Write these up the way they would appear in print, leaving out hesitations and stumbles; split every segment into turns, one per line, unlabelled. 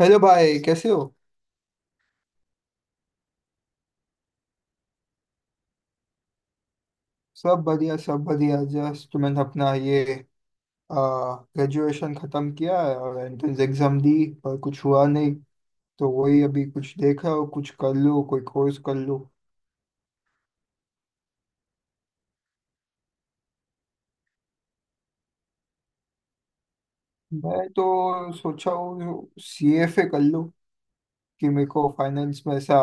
Hello भाई कैसे हो? सब बढ़िया सब बढ़िया। जस्ट मैंने अपना ये ग्रेजुएशन ख़त्म किया है और एंट्रेंस एग्ज़ाम दी पर कुछ हुआ नहीं। तो वही अभी कुछ देख रहा हूँ, कुछ कर लूँ, कोई कोर्स कर लूँ। मैं तो सोचा हूँ CFA कर लूँ, कि मेरे को फाइनेंस में ऐसा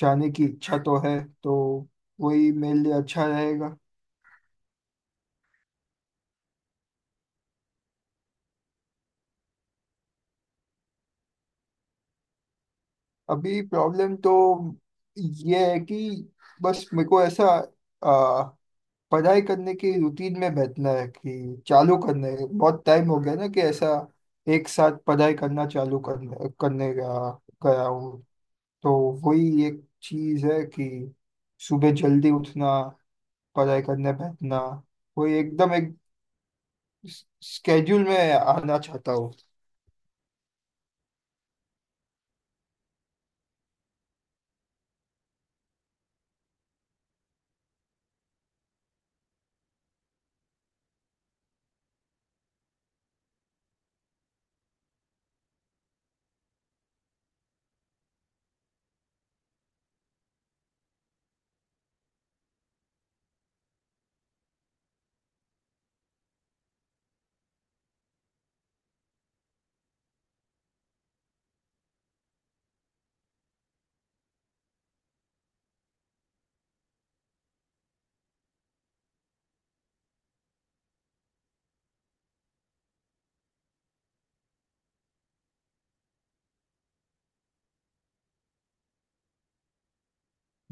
जाने की इच्छा तो है, तो वही मेरे लिए अच्छा रहेगा। अभी प्रॉब्लम तो ये है कि बस मेरे को ऐसा पढ़ाई करने की रूटीन में बैठना है, कि चालू करने बहुत टाइम हो गया ना, कि ऐसा एक साथ पढ़ाई करना चालू करने करने गया गया हूँ। तो वही एक चीज है कि सुबह जल्दी उठना, पढ़ाई करने बैठना, वही एकदम एक स्केड्यूल में आना चाहता हूँ।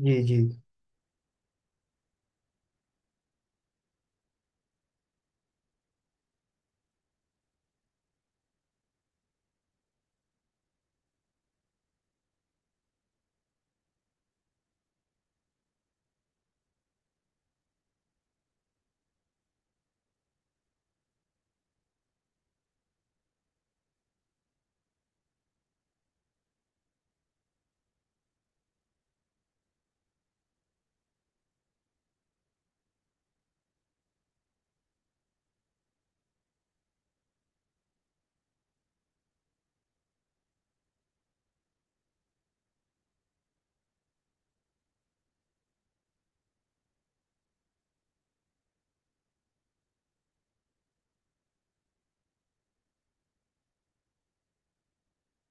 जी, जी,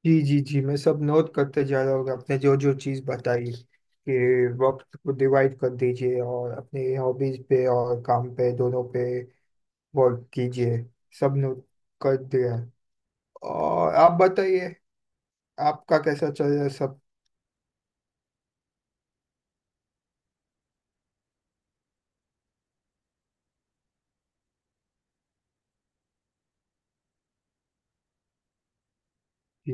जी, जी, जी। मैं सब नोट करते जा रहा हूँ आपने जो जो चीज़ बताई, कि वक्त को डिवाइड कर दीजिए और अपनी हॉबीज पे और काम पे दोनों पे वर्क कीजिए। सब ने कर दिया। और आप बताइए, आपका कैसा चल रहा है सब? जी,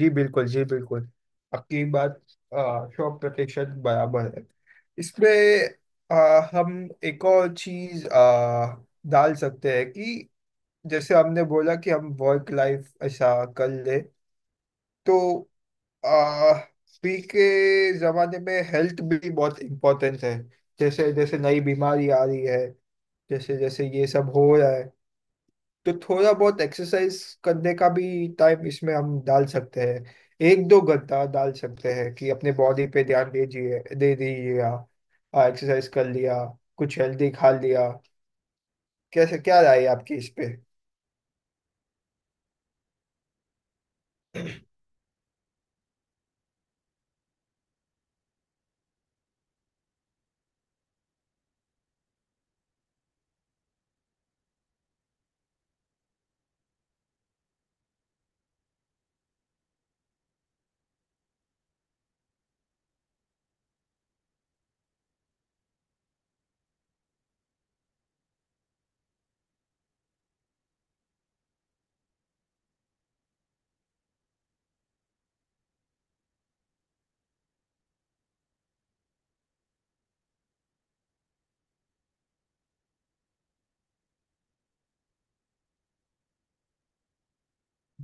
जी, बिल्कुल। जी, बिल्कुल। आपकी बात अ, 100% बराबर है। इसमें हम एक और चीज डाल सकते हैं, कि जैसे हमने बोला कि हम वर्क लाइफ ऐसा कर ले, तो अ, अभी के जमाने में हेल्थ भी बहुत इम्पोर्टेंट है। जैसे जैसे नई बीमारी आ रही है, जैसे जैसे ये सब हो रहा है, तो थोड़ा बहुत एक्सरसाइज करने का भी टाइम इसमें हम डाल सकते हैं। एक दो घंटा डाल सकते हैं कि अपने बॉडी पे ध्यान दीजिए, दे दीजिएगा। एक्सरसाइज कर लिया, कुछ हेल्दी खा लिया। कैसे, क्या राय है आपकी इस पे?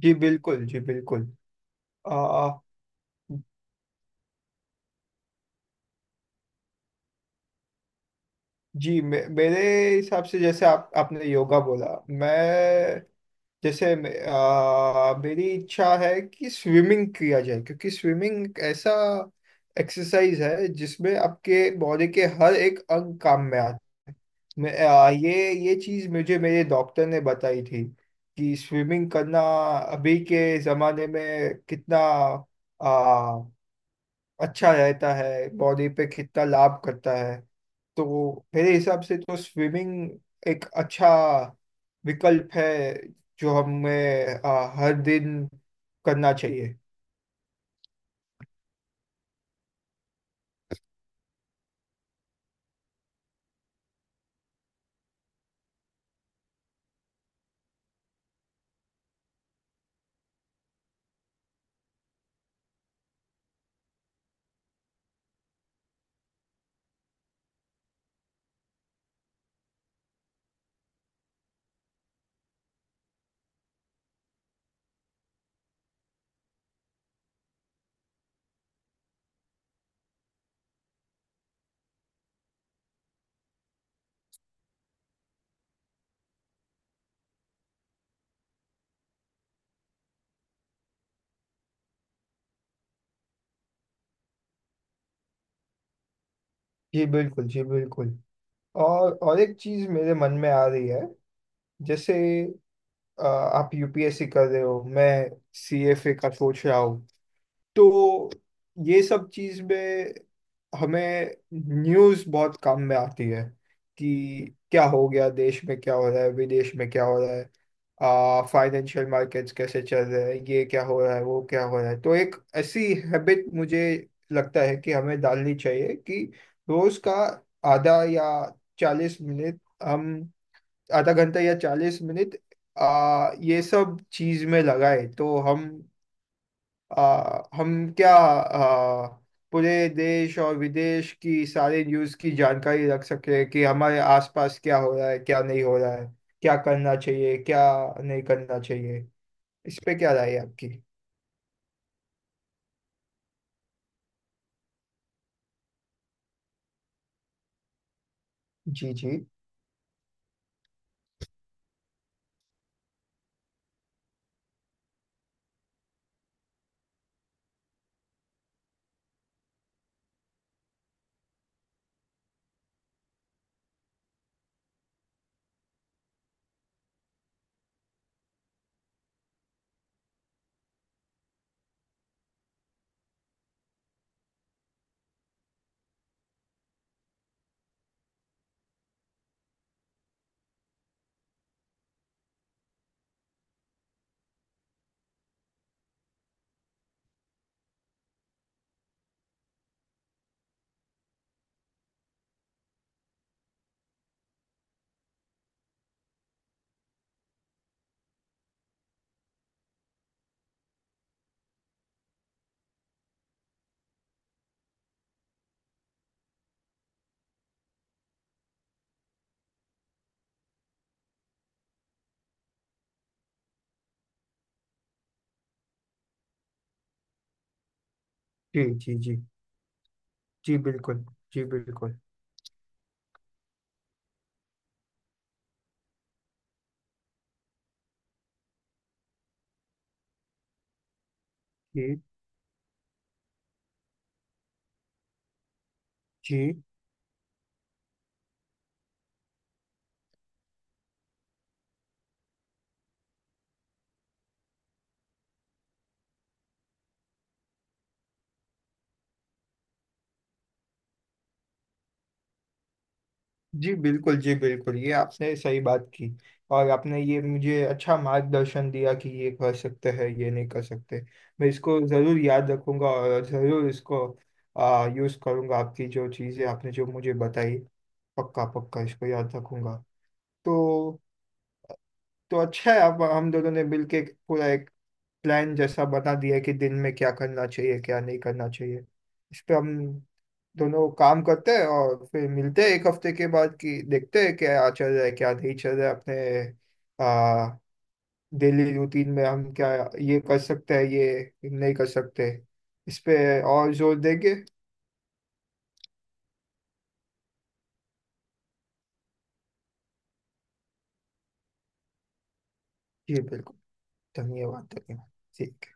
जी बिल्कुल, जी बिल्कुल। आ, जी, मेरे हिसाब से जैसे आप आपने योगा बोला, मैं जैसे मेरी इच्छा है कि स्विमिंग किया जाए, क्योंकि स्विमिंग एक ऐसा एक्सरसाइज है जिसमें आपके बॉडी के हर एक अंग काम में आता है। मैं ये चीज मुझे मेरे डॉक्टर ने बताई थी, कि स्विमिंग करना अभी के जमाने में कितना आ, अच्छा रहता है, बॉडी पे कितना लाभ करता है। तो मेरे हिसाब से तो स्विमिंग एक अच्छा विकल्प है जो हमें हर दिन करना चाहिए। जी बिल्कुल, जी बिल्कुल। और एक चीज मेरे मन में आ रही है। जैसे आप UPSC कर रहे हो, मैं CFA का सोच रहा हूँ, तो ये सब चीज में हमें न्यूज़ बहुत काम में आती है, कि क्या हो गया देश में, क्या हो रहा है विदेश में, क्या हो रहा है। फाइनेंशियल मार्केट्स कैसे चल रहे हैं, ये क्या हो रहा है, वो क्या हो रहा है। तो एक ऐसी हैबिट मुझे लगता है कि हमें डालनी चाहिए, कि रोज का आधा या 40 मिनट हम, आधा घंटा या 40 मिनट ये सब चीज में लगाए, तो हम आ, हम क्या आ, पूरे देश और विदेश की सारी न्यूज़ की जानकारी रख सके, कि हमारे आसपास क्या हो रहा है, क्या नहीं हो रहा है, क्या करना चाहिए, क्या नहीं करना चाहिए। इस पे क्या राय है आपकी? जी, जी, जी, जी, जी। जी बिल्कुल, जी बिल्कुल। जी, जी, जी बिल्कुल, जी बिल्कुल। ये आपने सही बात की। और आपने ये मुझे अच्छा मार्गदर्शन दिया कि ये कर सकते हैं, ये नहीं कर सकते। मैं इसको ज़रूर याद रखूंगा, और ज़रूर इसको यूज़ करूंगा, आपकी जो चीज़ें आपने जो मुझे बताई। पक्का पक्का इसको याद रखूंगा। तो तो अच्छा है, आप हम दोनों ने मिलके एक पूरा एक प्लान जैसा बना दिया है, कि दिन में क्या करना चाहिए, क्या नहीं करना चाहिए। इस पे हम दोनों काम करते हैं, और फिर मिलते हैं एक हफ्ते के बाद, कि देखते हैं क्या चल रहा है, क्या नहीं चल रहा है अपने डेली रूटीन में। हम क्या ये कर सकते हैं, ये नहीं कर सकते, इस पे और जोर देंगे। जी बिल्कुल। धन्यवाद, धन्यवाद। ठीक।